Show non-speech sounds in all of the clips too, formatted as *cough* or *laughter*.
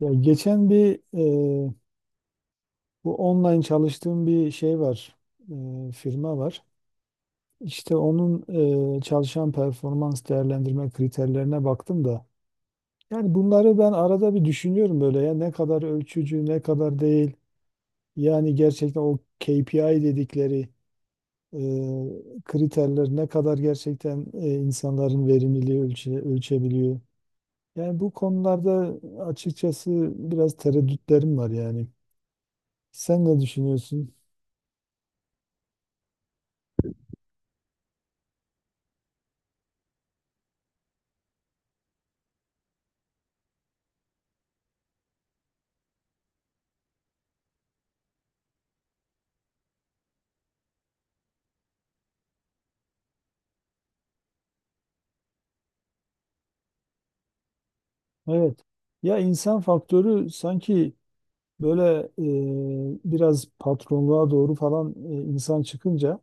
Ya geçen bir e, bu online çalıştığım bir şey var, firma var. İşte onun çalışan performans değerlendirme kriterlerine baktım da. Yani bunları ben arada bir düşünüyorum böyle ya ne kadar ölçücü, ne kadar değil. Yani gerçekten o KPI dedikleri e, kriterler ne kadar gerçekten insanların verimliliği ölçebiliyor. Yani bu konularda açıkçası biraz tereddütlerim var yani. Sen ne düşünüyorsun? Evet. Ya insan faktörü sanki böyle biraz patronluğa doğru falan insan çıkınca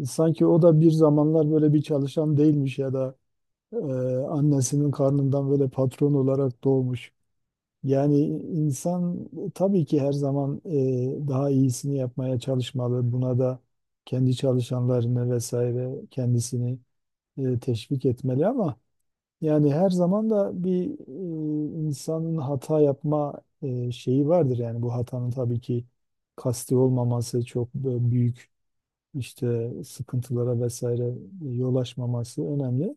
sanki o da bir zamanlar böyle bir çalışan değilmiş ya da e, annesinin karnından böyle patron olarak doğmuş. Yani insan tabii ki her zaman daha iyisini yapmaya çalışmalı. Buna da kendi çalışanlarını vesaire kendisini teşvik etmeli ama yani her zaman da bir insanın hata yapma şeyi vardır. Yani bu hatanın tabii ki kasti olmaması çok büyük işte sıkıntılara vesaire yol açmaması önemli.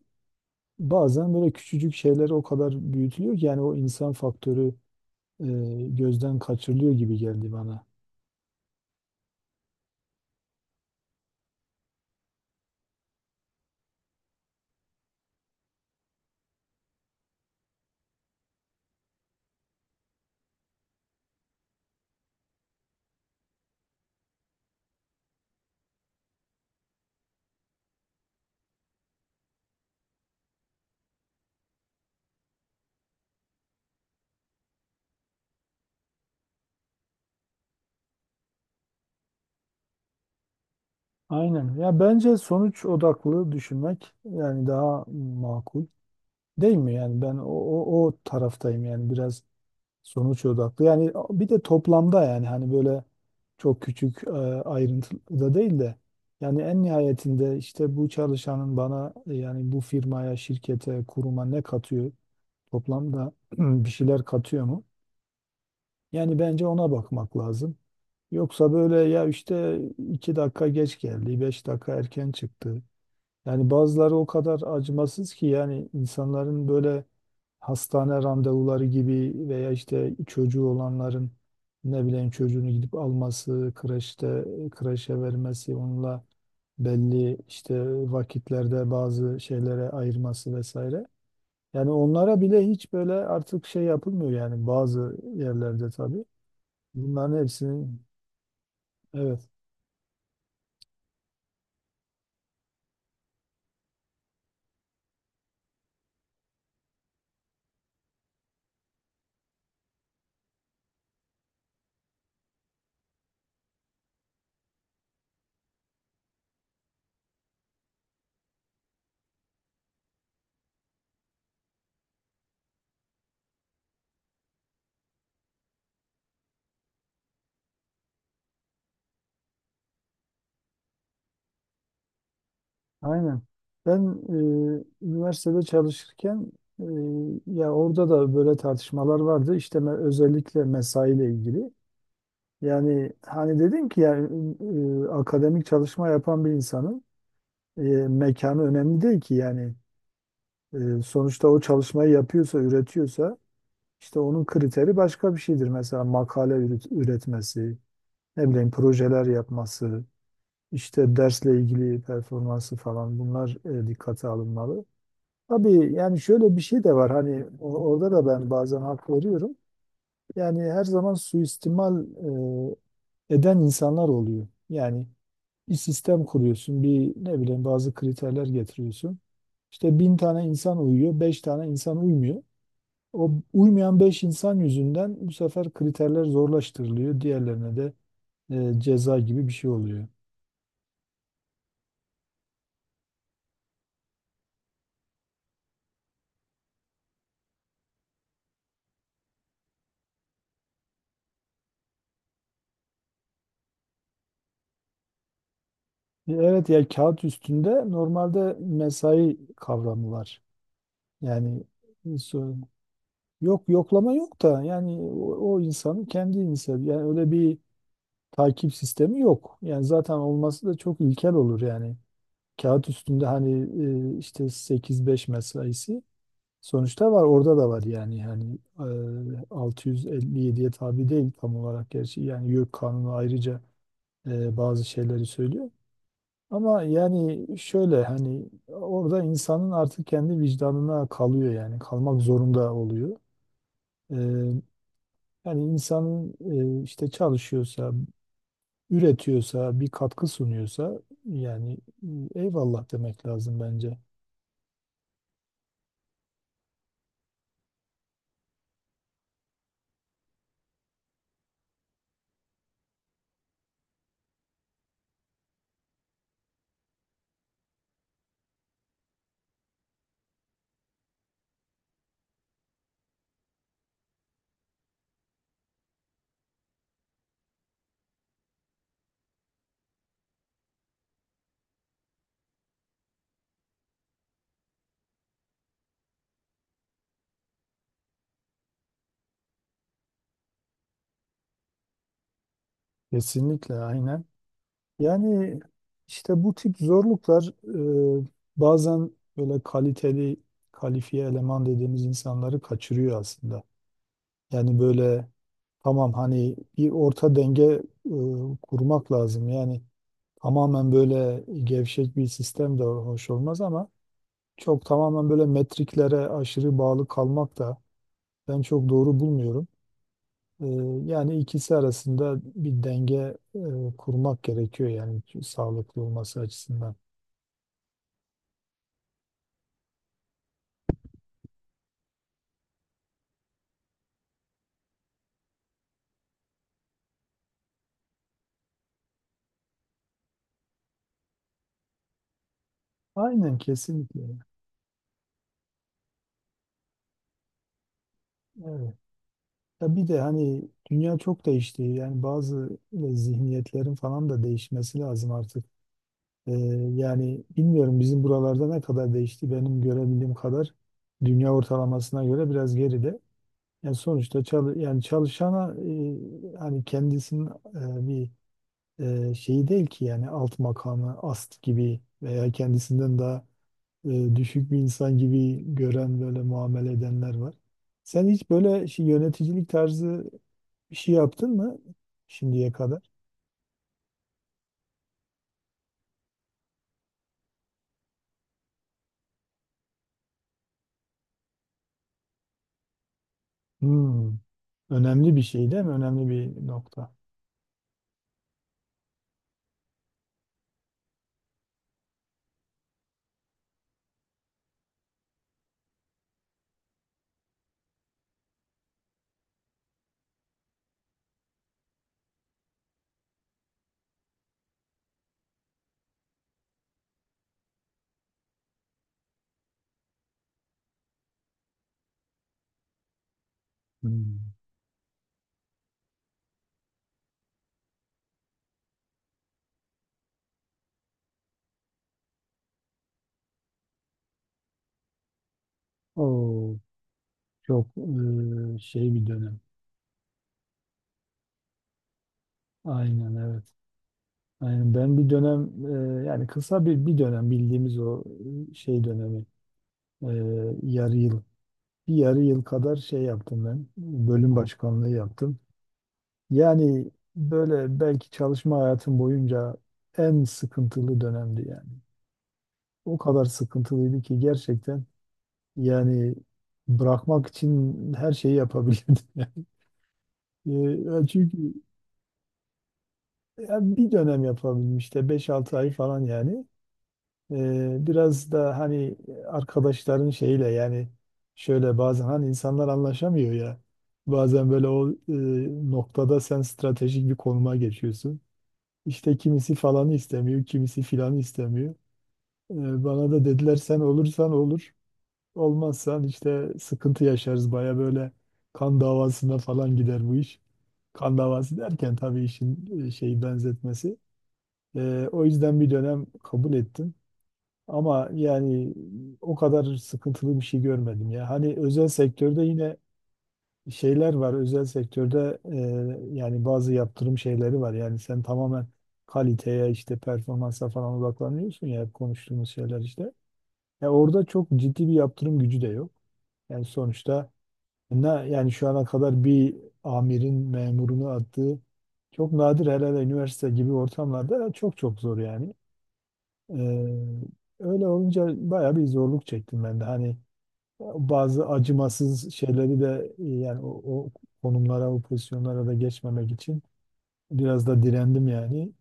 Bazen böyle küçücük şeyler o kadar büyütülüyor ki yani o insan faktörü e, gözden kaçırılıyor gibi geldi bana. Aynen. Ya bence sonuç odaklı düşünmek yani daha makul değil mi? Yani ben o taraftayım yani biraz. Sonuç odaklı. Yani bir de toplamda yani hani böyle çok küçük ayrıntıda değil de yani en nihayetinde işte bu çalışanın bana yani bu firmaya, şirkete, kuruma ne katıyor? Toplamda *clears throat* bir şeyler katıyor mu? Yani bence ona bakmak lazım. Yoksa böyle ya işte 2 dakika geç geldi, 5 dakika erken çıktı. Yani bazıları o kadar acımasız ki yani insanların böyle hastane randevuları gibi veya işte çocuğu olanların ne bileyim çocuğunu gidip alması, kreşe vermesi, onunla belli işte vakitlerde bazı şeylere ayırması vesaire. Yani onlara bile hiç böyle artık şey yapılmıyor yani bazı yerlerde tabii. Bunların hepsinin, evet. Aynen. Ben üniversitede çalışırken e, ya orada da böyle tartışmalar vardı. İşte özellikle mesaiyle ilgili. Yani hani dedim ki yani akademik çalışma yapan bir insanın e, mekanı önemli değil ki yani. Sonuçta o çalışmayı yapıyorsa, üretiyorsa işte onun kriteri başka bir şeydir. Mesela makale üretmesi, ne bileyim projeler yapması, işte dersle ilgili performansı falan bunlar dikkate alınmalı. Tabii yani şöyle bir şey de var hani orada da ben bazen hak veriyorum. Yani her zaman suistimal eden insanlar oluyor. Yani bir sistem kuruyorsun, bir ne bileyim bazı kriterler getiriyorsun. İşte bin tane insan uyuyor, beş tane insan uymuyor. O uymayan beş insan yüzünden bu sefer kriterler zorlaştırılıyor. Diğerlerine de ceza gibi bir şey oluyor. Evet, ya kağıt üstünde normalde mesai kavramı var. Yani e, so yok, yoklama yok da yani o insanın kendi insanı yani öyle bir takip sistemi yok. Yani zaten olması da çok ilkel olur yani. Kağıt üstünde hani işte sekiz beş mesaisi sonuçta var, orada da var yani, 657'ye tabi değil tam olarak gerçi, yani YÖK kanunu ayrıca bazı şeyleri söylüyor. Ama yani şöyle hani orada insanın artık kendi vicdanına kalıyor yani, kalmak zorunda oluyor. E, Yani insanın işte çalışıyorsa, üretiyorsa, bir katkı sunuyorsa yani eyvallah demek lazım bence. Kesinlikle aynen. Yani işte bu tip zorluklar e, bazen böyle kaliteli, kalifiye eleman dediğimiz insanları kaçırıyor aslında. Yani böyle tamam hani bir orta denge kurmak lazım. Yani tamamen böyle gevşek bir sistem de hoş olmaz ama çok tamamen böyle metriklere aşırı bağlı kalmak da ben çok doğru bulmuyorum. Ee, yani ikisi arasında bir denge kurmak gerekiyor yani, sağlıklı olması açısından. Aynen kesinlikle. Evet. Ya bir de hani dünya çok değişti. Yani bazı zihniyetlerin falan da değişmesi lazım artık. Ee, yani bilmiyorum bizim buralarda ne kadar değişti. Benim görebildiğim kadar dünya ortalamasına göre biraz geride. Yani sonuçta yani çalışana hani kendisinin bir şeyi değil ki yani, alt makamı ast gibi veya kendisinden daha düşük bir insan gibi gören, böyle muamele edenler var. Sen hiç böyle şey, yöneticilik tarzı bir şey yaptın mı şimdiye kadar? Hmm, önemli bir şey değil mi? Önemli bir nokta. Hmm. Oo, çok şey bir dönem. Aynen evet. Yani ben bir dönem yani kısa bir dönem, bildiğimiz o şey dönemi, e, yarı yıl, bir yarı yıl kadar şey yaptım, ben bölüm başkanlığı yaptım. Yani böyle belki çalışma hayatım boyunca en sıkıntılı dönemdi yani. O kadar sıkıntılıydı ki gerçekten, yani bırakmak için her şeyi yapabilirdim. *laughs* Çünkü yani bir dönem yapabildim işte 5-6 ay falan yani. Biraz da hani arkadaşların şeyiyle yani, şöyle bazen hani insanlar anlaşamıyor ya. Bazen böyle o noktada sen stratejik bir konuma geçiyorsun. İşte kimisi falanı istemiyor, kimisi filanı istemiyor. Bana da dediler, sen olursan olur, olmazsan işte sıkıntı yaşarız. Baya böyle kan davasına falan gider bu iş. Kan davası derken tabii işin şeyi, benzetmesi. O yüzden bir dönem kabul ettim. Ama yani o kadar sıkıntılı bir şey görmedim ya. Hani özel sektörde yine şeyler var. Özel sektörde yani bazı yaptırım şeyleri var. Yani sen tamamen kaliteye, işte performansa falan odaklanıyorsun ya, hep konuştuğumuz şeyler işte. Ya orada çok ciddi bir yaptırım gücü de yok. Yani sonuçta ne yani, şu ana kadar bir amirin memurunu attığı çok nadir, hele hele üniversite gibi ortamlarda çok çok zor yani. Ee, öyle olunca bayağı bir zorluk çektim ben de. Hani bazı acımasız şeyleri de yani o konumlara, o pozisyonlara da geçmemek için biraz da direndim yani.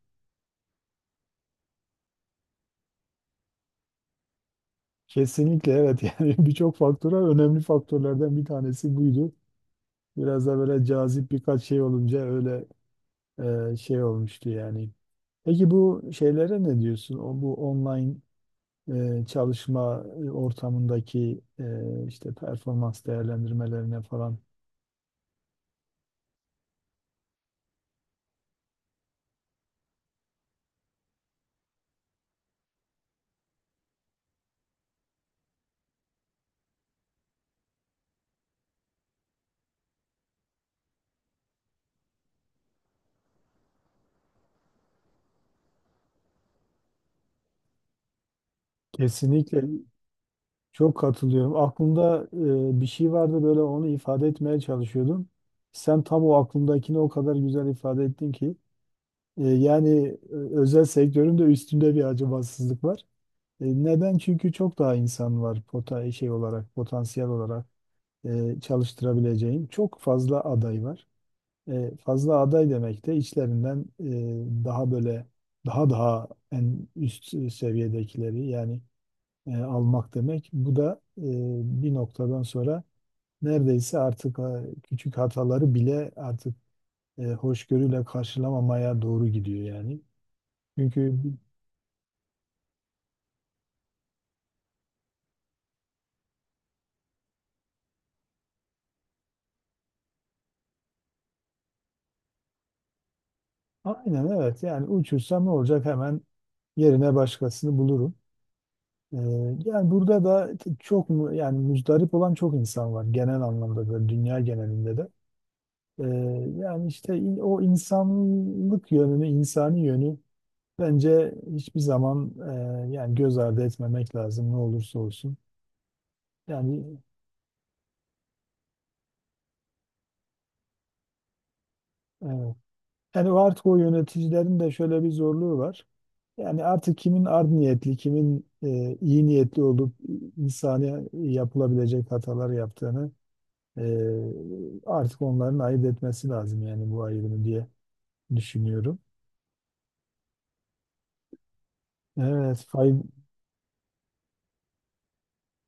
Kesinlikle evet. *laughs* Yani birçok faktör var. Önemli faktörlerden bir tanesi buydu. Biraz da böyle cazip birkaç şey olunca öyle şey olmuştu yani. Peki bu şeylere ne diyorsun? O bu online çalışma ortamındaki işte performans değerlendirmelerine falan. Kesinlikle, çok katılıyorum. Aklımda bir şey vardı, böyle onu ifade etmeye çalışıyordum. Sen tam o aklımdakini o kadar güzel ifade ettin ki. Yani özel sektörün de üstünde bir acımasızlık var. Neden? Çünkü çok daha insan var pota şey olarak, potansiyel olarak çalıştırabileceğin. Çok fazla aday var. Fazla aday demek de içlerinden daha böyle daha daha en üst seviyedekileri yani almak demek. Bu da bir noktadan sonra neredeyse artık küçük hataları bile artık hoşgörüyle karşılamamaya doğru gidiyor yani. Çünkü aynen evet, yani uçursam ne olacak, hemen yerine başkasını bulurum. E, yani burada da çok mu yani, muzdarip olan çok insan var genel anlamda, böyle dünya genelinde de. E, yani işte o insanlık yönünü, insani yönü. Bence hiçbir zaman yani göz ardı etmemek lazım ne olursa olsun. Yani evet. Yani o artık o yöneticilerin de şöyle bir zorluğu var. Yani artık kimin art niyetli, kimin iyi niyetli olup insani yapılabilecek hatalar yaptığını e, artık onların ayırt etmesi lazım yani, bu ayrımı diye düşünüyorum. Evet, fay-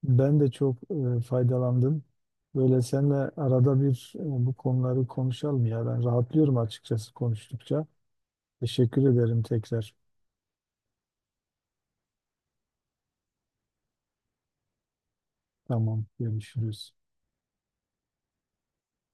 Ben de çok faydalandım. Böyle seninle arada bir bu konuları konuşalım ya. Ben rahatlıyorum açıkçası konuştukça. Teşekkür ederim tekrar. Tamam, görüşürüz.